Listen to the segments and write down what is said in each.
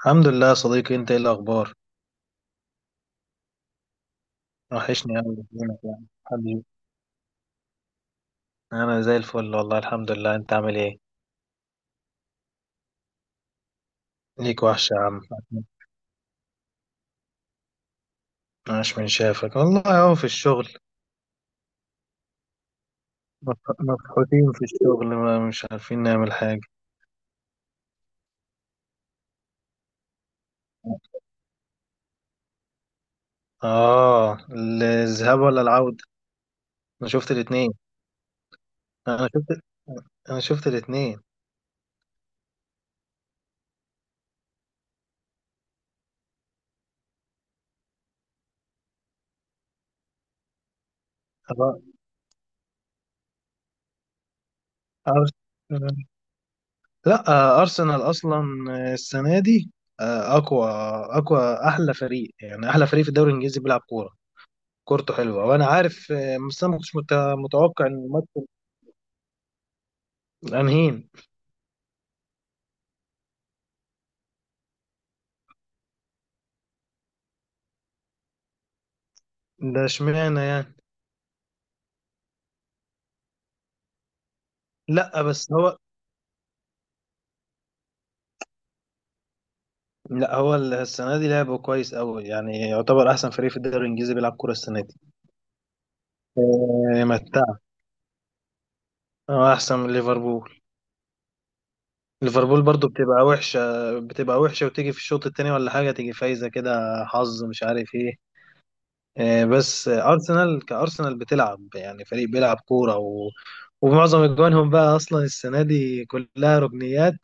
الحمد لله يا صديقي، انت ايه الاخبار؟ وحشني قوي منك يعني حبيبي. انا زي الفل والله الحمد لله، انت عامل ايه؟ ليك وحشه يا عم. عاش من شافك والله، اهو في الشغل. مفحوطين في الشغل، ما مش عارفين نعمل حاجه. اه، الذهاب ولا العوده؟ انا شفت الاتنين. انا شفت انا شفت الاتنين. أر- أرس... لا، ارسنال اصلا، السنه دي، آه، اقوى اقوى، احلى فريق يعني احلى فريق في الدوري الانجليزي بيلعب كوره. كورته حلوه وانا عارف، بس انا ما كنتش متوقع ان الماتش الانهين. ده اشمعنى يعني؟ لا بس هو. لا، هو السنه دي لعبه كويس قوي، يعني يعتبر احسن فريق في الدوري الانجليزي بيلعب كوره السنه دي. آه، متع احسن من ليفربول. ليفربول برضو بتبقى وحشه وتيجي في الشوط التاني ولا حاجه تيجي فايزه كده، حظ مش عارف ايه. بس ارسنال كارسنال بتلعب يعني فريق بيلعب كوره ومعظم اجوانهم بقى اصلا السنه دي كلها ركنيات.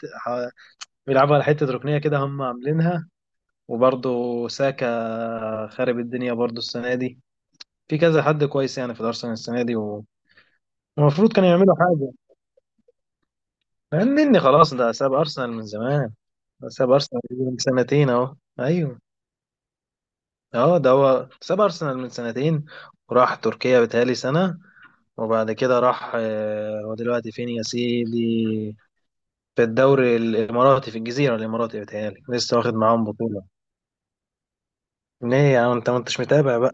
بيلعبوا على حتة ركنية كده هم عاملينها. وبرضه، ساكا خارب الدنيا برضه السنة دي. في كذا حد كويس يعني في الأرسنال السنة دي ومفروض كانوا يعملوا حاجة. فاهمني؟ خلاص، ده ساب أرسنال من زمان. ده ساب أرسنال من سنتين أهو، أيوه. أه، ده هو ساب أرسنال من سنتين وراح تركيا بتهيألي سنة. وبعد كده راح، هو دلوقتي فين يا سيدي؟ في الدوري الإماراتي، في الجزيرة الإماراتي بتهيألي لسه واخد معاهم بطولة. ليه يا عم، أنت ما أنتش متابع؟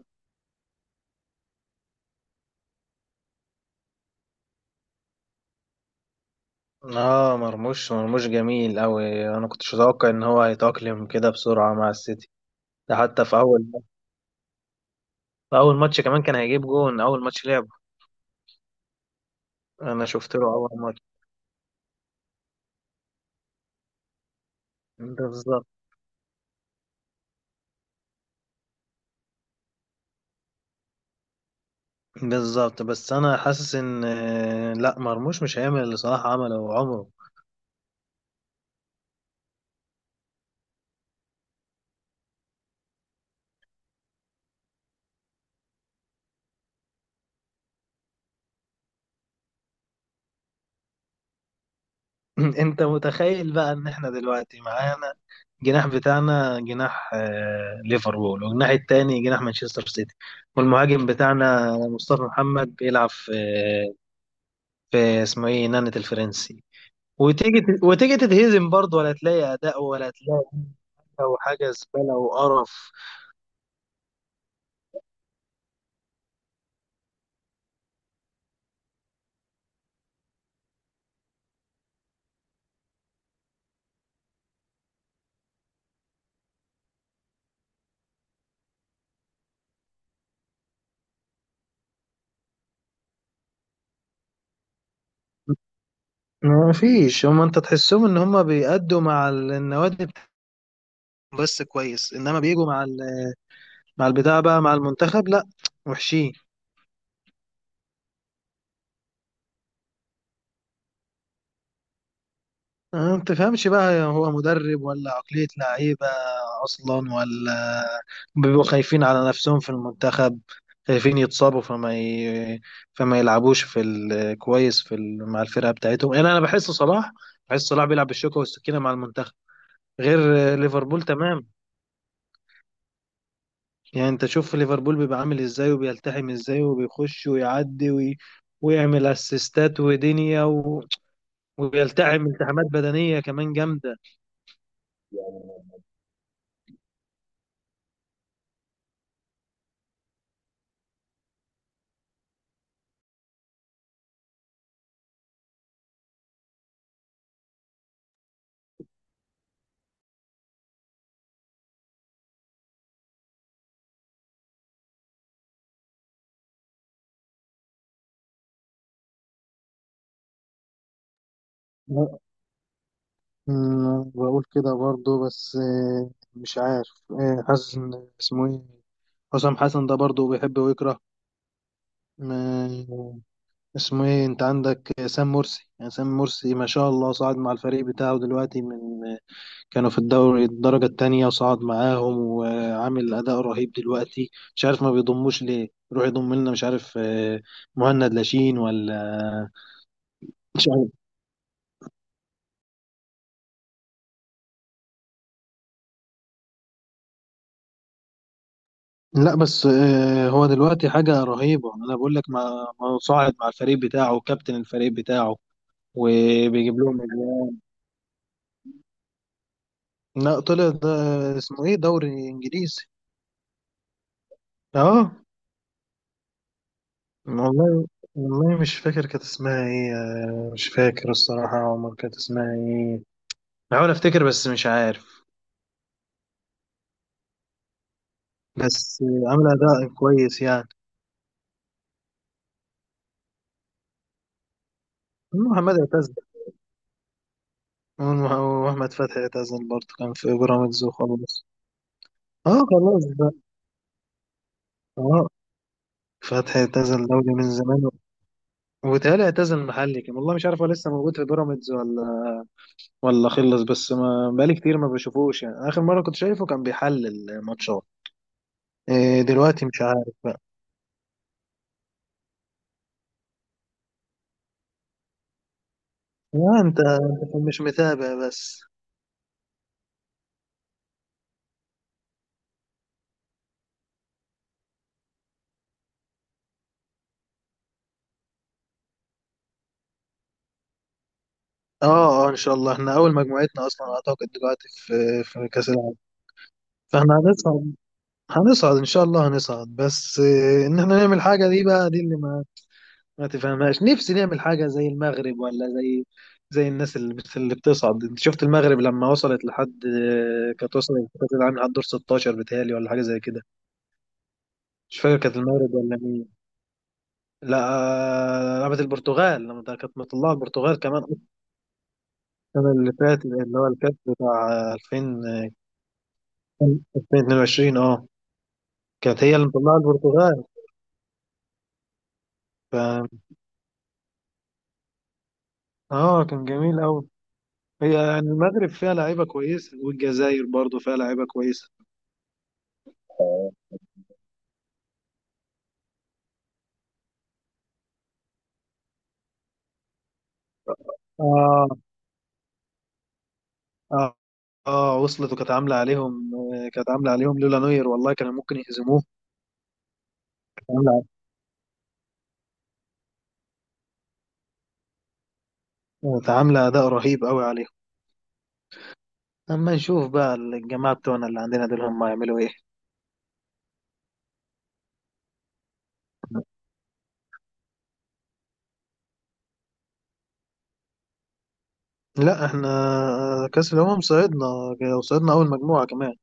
اه، مرموش جميل قوي، انا كنتش اتوقع ان هو هيتأقلم كده بسرعة مع السيتي. ده حتى في اول ماتش كمان كان هيجيب جون اول ماتش لعبه. انا شفت له اول ماتش. بالظبط. بالظبط، بس انا حاسس ان لا، مرموش مش هيعمل اللي صلاح عمله عمره. انت متخيل بقى ان احنا دلوقتي معانا جناح بتاعنا، جناح ليفربول، والجناح التاني جناح مانشستر سيتي. والمهاجم بتاعنا مصطفى محمد بيلعب في في اسمه ايه، نانت الفرنسي. وتيجي تتهزم برضه، ولا تلاقي اداء ولا تلاقي او حاجه زباله وقرف. ما فيش، هم انت تحسهم ان هم بيأدوا مع النوادي بتاعتهم بس كويس، انما بيجوا مع مع البتاع بقى مع المنتخب، لا، وحشين. ما تفهمش بقى، هو مدرب ولا عقلية لعيبة أصلا، ولا بيبقوا خايفين على نفسهم في المنتخب. خايفين يتصابوا فما يلعبوش كويس مع الفرقة بتاعتهم، يعني أنا بحس صلاح بيلعب بالشوكة والسكينة مع المنتخب. غير ليفربول تمام. يعني أنت شوف ليفربول بيبقى عامل إزاي وبيلتحم إزاي وبيخش ويعدي ويعمل أسيستات ودنيا وبيلتحم التحامات بدنية كمان جامدة. بقول كده برضه بس، مش عارف، حاسس ان اسمه ايه، حسام حسن ده برضه بيحب ويكره. ما- اسمه ايه، انت عندك سام مرسي، يعني سام مرسي ما شاء الله صعد مع الفريق بتاعه دلوقتي من، كانوا في الدوري الدرجة التانية وصعد معاهم وعامل أداء رهيب. دلوقتي مش عارف ما بيضموش ليه، يروح يضم لنا مش عارف، مهند لاشين ولا، آه، مش عارف. لا بس، هو دلوقتي حاجة رهيبة أنا بقول لك، ما صاعد مع الفريق بتاعه وكابتن الفريق بتاعه وبيجيب لهم أجوان. لا طلع ده، اسمه إيه، دوري إنجليزي. أه. والله والله مش فاكر كانت اسمها إيه، مش فاكر الصراحة عمر كانت اسمها إيه. بحاول أفتكر بس مش عارف. بس عاملة أداء كويس يعني. محمد اعتزل. وأحمد فتحي اعتزل برضه، كان في بيراميدز وخلاص. أه، خلاص بقى. أه. فتحي اعتزل دوري من زمان. وبيتهيألي اعتزل المحلي كان، والله مش عارف هو لسه موجود في بيراميدز ولا، ولا خلص، بس ما بقالي كتير ما بشوفوش، يعني اخر مره كنت شايفه كان بيحلل ماتشات. إيه دلوقتي مش عارف بقى. لا أنت مش متابع بس. اه، اه، ان شاء الله احنا اول مجموعتنا اصلا اعتقد دلوقتي في كاس العالم. فاحنا هنصعد. هنصعد ان شاء الله هنصعد، بس إيه ان احنا نعمل حاجه، دي بقى دي اللي ما ما تفهمهاش، نفسي نعمل حاجة زي المغرب، ولا زي الناس اللي اللي بتصعد. انت شفت المغرب لما وصلت لحد، كانت وصلت لكأس العالم لحد دور 16 بتهيألي، ولا حاجة زي كده. مش فاكر كانت المغرب ولا مين؟ لا، لعبت البرتغال، لما ده كانت مطلعة البرتغال كمان السنة اللي فاتت، اللي هو الكاس بتاع 2000، 2022، اه، كانت هي اللي مطلعة البرتغال. ف اه، كان جميل قوي. هي يعني المغرب فيها لعيبة كويسة والجزائر برضو فيها لعيبة كويسة. آه، اه، اه، وصلت وكانت عامله عليهم آه، كانت عامله عليهم لولا نوير والله كانوا ممكن يهزموه. كانت عامله كانت عامله اداء رهيب قوي عليهم. اما نشوف بقى الجماعه بتوعنا اللي عندنا دول هم هيعملوا ايه. لا احنا، كاس الامم صعدنا، وصعدنا اول مجموعه كمان.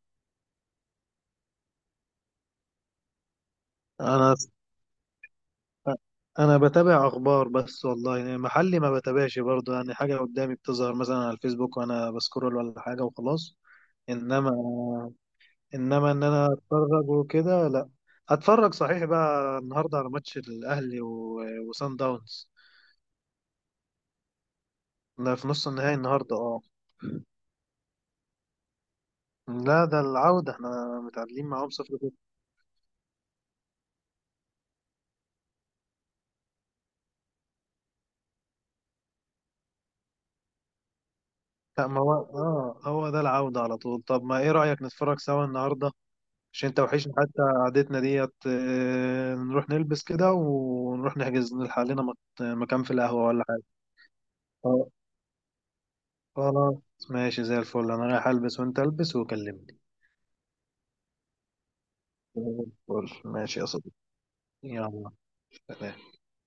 انا انا بتابع اخبار بس والله، يعني محلي ما بتابعش برضه، يعني حاجه قدامي بتظهر مثلا على الفيسبوك وانا بسكرول ولا حاجه وخلاص. انما انما انا اتفرج وكده، لا. هتفرج صحيح بقى النهارده على ماتش الاهلي وصن داونز. ده في نص النهائي النهارده، اه. لا ده العودة، احنا متعادلين معاهم 0-0. لا ما هو، اه، هو ده العودة على طول. طب ما ايه رأيك نتفرج سوا النهاردة؟ عشان انت وحشني حتى قعدتنا ديت، نروح نلبس كده ونروح نحجز نلحق لنا مكان في القهوة ولا حاجة. آه، خلاص. ماشي، زي الفل، انا رايح البس وانت البس وكلمني. زي الفل، ماشي يا صديقي. يلا. سلام.